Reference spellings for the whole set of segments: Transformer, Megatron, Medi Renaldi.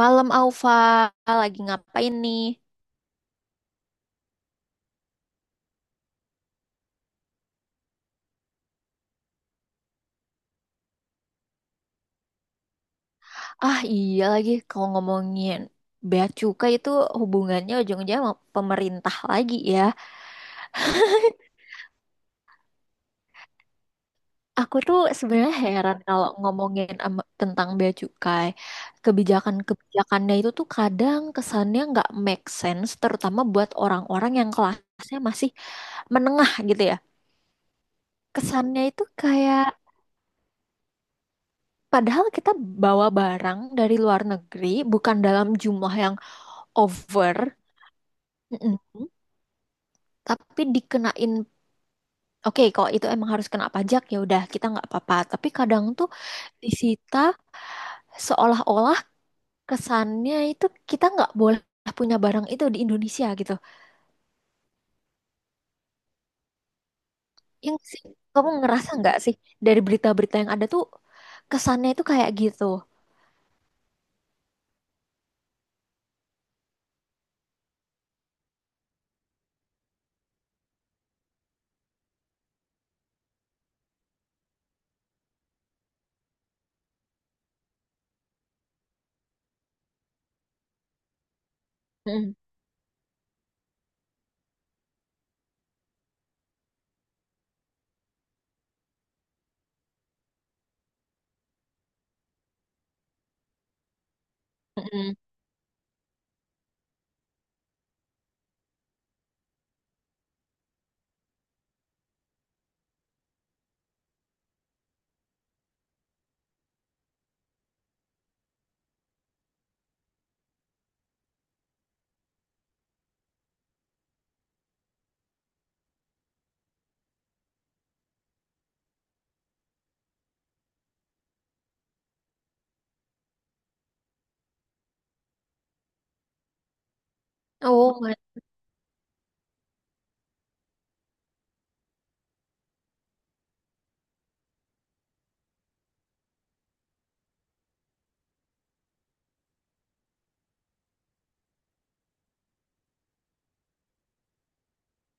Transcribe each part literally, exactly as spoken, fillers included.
Malam Alfa, lagi ngapain nih? Ah iya lagi, kalau ngomongin bea cukai itu hubungannya ujung-ujungnya sama pemerintah lagi ya. Aku tuh sebenarnya heran kalau ngomongin ama- tentang bea cukai. Kebijakan-kebijakannya itu tuh kadang kesannya nggak make sense, terutama buat orang-orang yang kelasnya masih menengah gitu ya. Kesannya itu kayak padahal kita bawa barang dari luar negeri bukan dalam jumlah yang over. Mm-mm. Tapi dikenain, oke kalau itu emang harus kena pajak ya udah kita nggak apa-apa. Tapi kadang tuh disita seolah-olah kesannya itu kita nggak boleh punya barang itu di Indonesia gitu. Yang sih kamu ngerasa nggak sih dari berita-berita yang ada tuh kesannya itu kayak gitu. Mm-mm. Mm-mm. Oh my.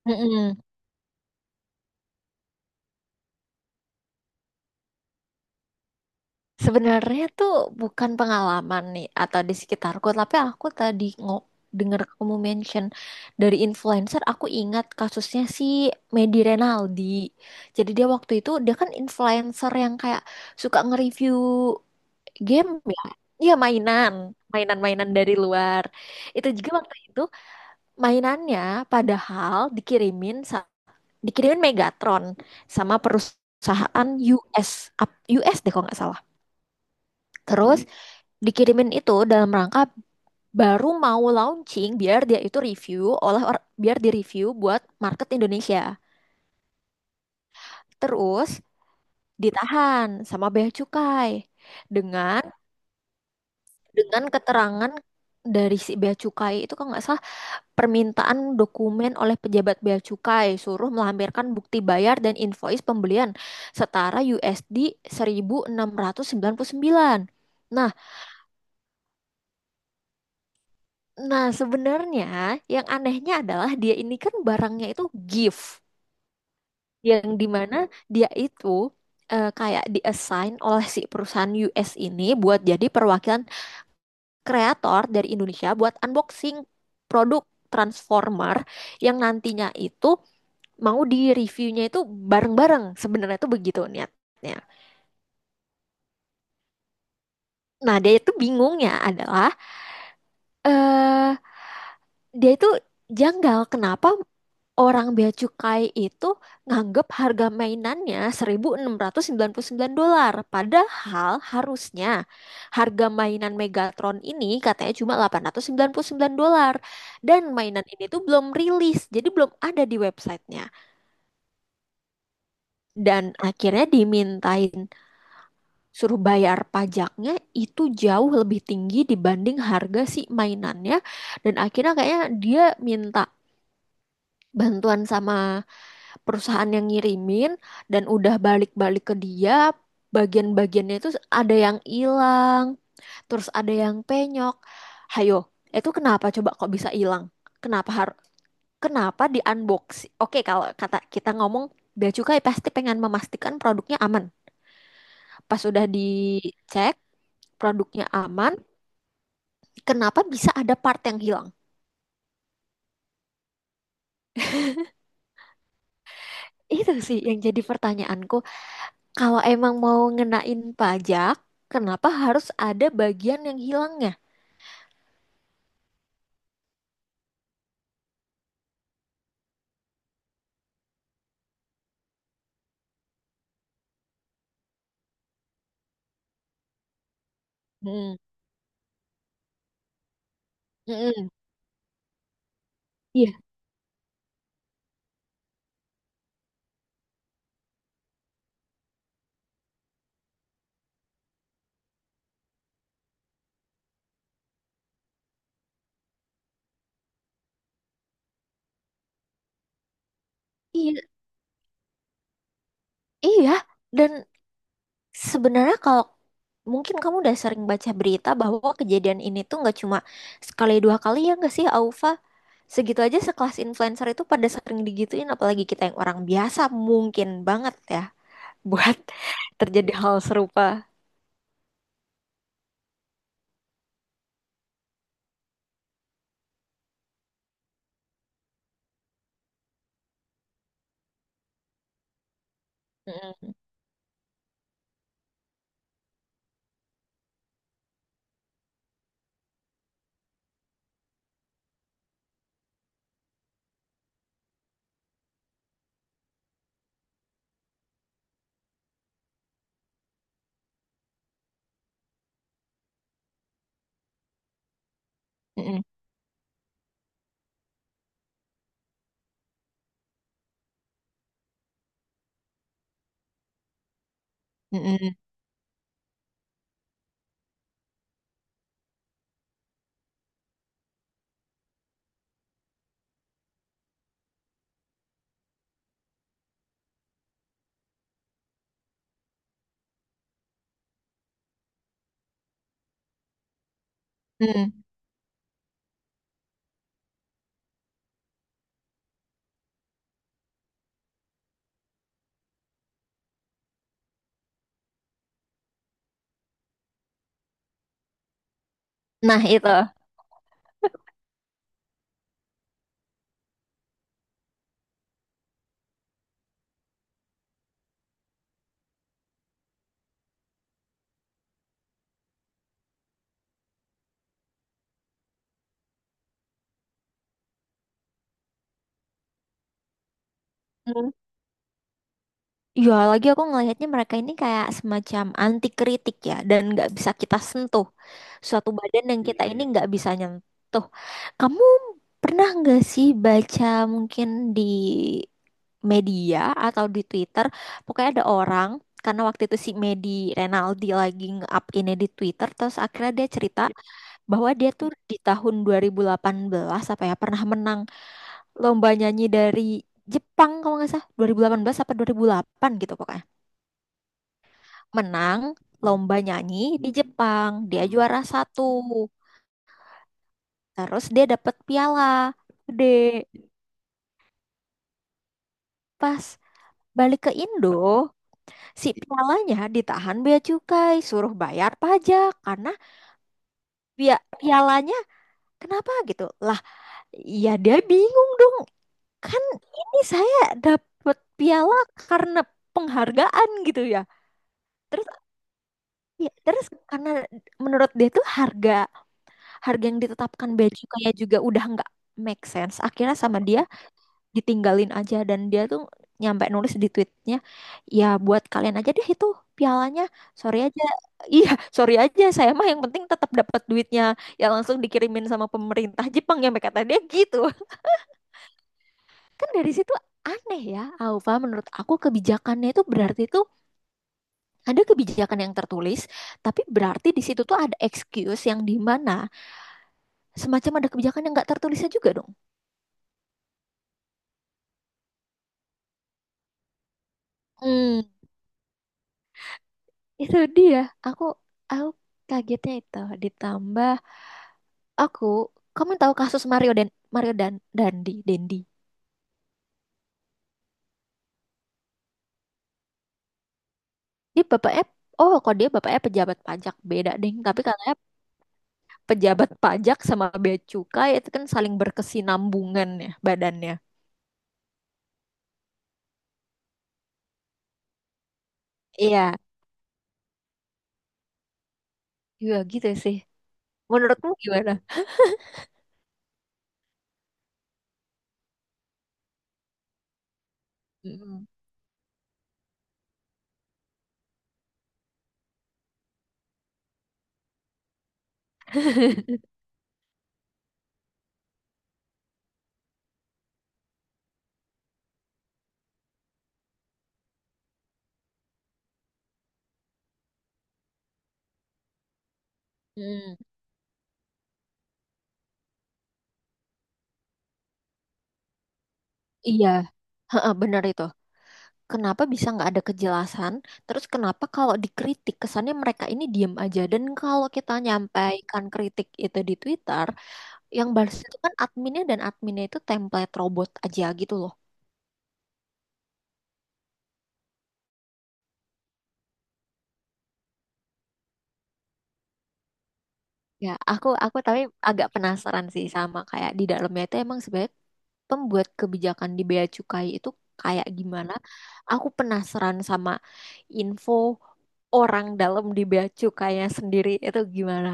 Mm-mm. Sebenarnya tuh bukan pengalaman nih atau di sekitarku, tapi aku tadi ngo dengar kamu mention dari influencer, aku ingat kasusnya si Medi Renaldi. Jadi dia waktu itu dia kan influencer yang kayak suka nge-review game ya. Iya mainan, mainan-mainan dari luar. Itu juga waktu itu mainannya padahal dikirimin sa- dikirimin Megatron sama perusahaan U S, up- U S deh kalau nggak salah. Terus dikirimin itu dalam rangka baru mau launching biar dia itu review oleh or- biar di review buat market Indonesia. Terus ditahan sama bea cukai dengan dengan keterangan dari si bea cukai itu kalau nggak salah permintaan dokumen oleh pejabat bea cukai suruh melampirkan bukti bayar dan invoice pembelian setara U S D seribu enam ratus sembilan puluh sembilan. Nah, Nah, sebenarnya yang anehnya adalah dia ini kan barangnya itu gift yang dimana dia itu eh, kayak diassign oleh si perusahaan U S ini buat jadi perwakilan kreator dari Indonesia buat unboxing produk Transformer yang nantinya itu mau di reviewnya itu bareng-bareng sebenarnya itu begitu niatnya. Nah, dia itu bingungnya adalah eh dia itu janggal kenapa orang bea cukai itu nganggep harga mainannya seribu enam ratus sembilan puluh sembilan dolar. Padahal harusnya harga mainan Megatron ini katanya cuma delapan ratus sembilan puluh sembilan dolar. Dan mainan ini tuh belum rilis, jadi belum ada di websitenya. Dan akhirnya dimintain suruh bayar pajaknya itu jauh lebih tinggi dibanding harga si mainannya. Dan akhirnya kayaknya dia minta bantuan sama perusahaan yang ngirimin dan udah balik-balik ke dia bagian-bagiannya itu ada yang hilang terus ada yang penyok, hayo itu kenapa coba kok bisa hilang, kenapa har- kenapa di unboxing oke kalau kata kita ngomong Bea Cukai pasti pengen memastikan produknya aman, pas sudah dicek produknya aman kenapa bisa ada part yang hilang, itu sih yang jadi pertanyaanku kalau emang mau ngenain pajak. Kenapa harus ada bagian yang hilangnya? Mm, mm-mm. Iya. Iya, iya. Dan sebenarnya kalau mungkin kamu udah sering baca berita bahwa kejadian ini tuh nggak cuma sekali dua kali ya nggak sih, Aufa? Segitu aja sekelas influencer itu pada sering digituin, apalagi kita yang orang biasa mungkin banget ya buat terjadi hal serupa. Mm-mm, mm-mm, mm-mm, mm-mm. Nah itu. Ya, lagi aku ngelihatnya mereka ini kayak semacam anti kritik ya, dan nggak bisa kita sentuh. Suatu badan yang kita ini nggak bisa nyentuh. Kamu pernah nggak sih baca mungkin di media atau di Twitter, pokoknya ada orang, karena waktu itu si Medi Renaldi lagi nge-up ini di Twitter, terus akhirnya dia cerita bahwa dia tuh di tahun dua ribu delapan belas apa ya, pernah menang lomba nyanyi dari Jepang kalau nggak salah, dua ribu delapan belas apa dua ribu delapan gitu pokoknya menang lomba nyanyi di Jepang. Dia juara satu. Terus dia dapat piala gede. Pas balik ke Indo, si pialanya ditahan bea cukai, suruh bayar pajak karena bea pialanya kenapa gitu? Lah, ya dia bingung dong. Kan ini saya dapat piala karena penghargaan gitu ya. Terus ya, terus karena menurut dia tuh harga harga yang ditetapkan baju kayak juga udah nggak make sense akhirnya sama dia ditinggalin aja dan dia tuh nyampe nulis di tweetnya ya buat kalian aja deh itu pialanya, sorry aja iya sorry aja saya mah yang penting tetap dapat duitnya ya langsung dikirimin sama pemerintah Jepang nyampe kata dia gitu, kan dari situ aneh ya Alfa menurut aku kebijakannya itu berarti itu ada kebijakan yang tertulis tapi berarti di situ tuh ada excuse yang di mana semacam ada kebijakan yang nggak tertulisnya juga dong. Hmm. Itu dia, aku aku kagetnya itu ditambah aku kamu tahu kasus Mario dan Mario dan Dandi Dendi. Dia bapaknya oh, kok dia bapaknya pejabat pajak beda deh, tapi katanya pejabat pajak sama bea cukai itu kan saling berkesinambungan ya badannya. Iya, iya gitu sih. Menurutmu gimana? Mm-mm. Mm. Iya, heeh, benar itu. Kenapa bisa nggak ada kejelasan? Terus kenapa kalau dikritik kesannya mereka ini diem aja? Dan kalau kita nyampaikan kritik itu di Twitter, yang balas itu kan adminnya dan adminnya itu template robot aja gitu loh. Ya, aku aku tapi agak penasaran sih sama kayak di dalamnya itu emang sebenarnya pembuat kebijakan di Bea Cukai itu kayak gimana? Aku penasaran sama info orang dalam di Bea Cukainya sendiri itu gimana.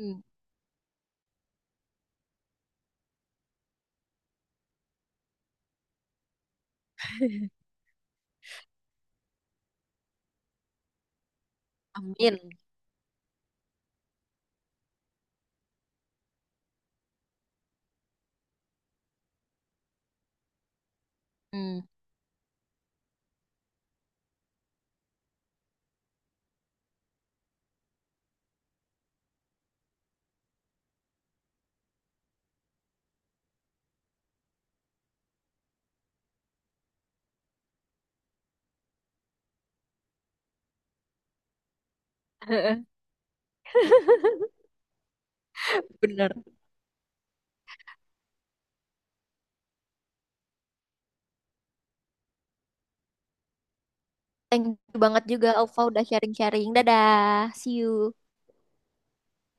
Mm, Amin. Mm. Bener. Thank you banget juga Alfa udah sharing-sharing. Dadah, see you.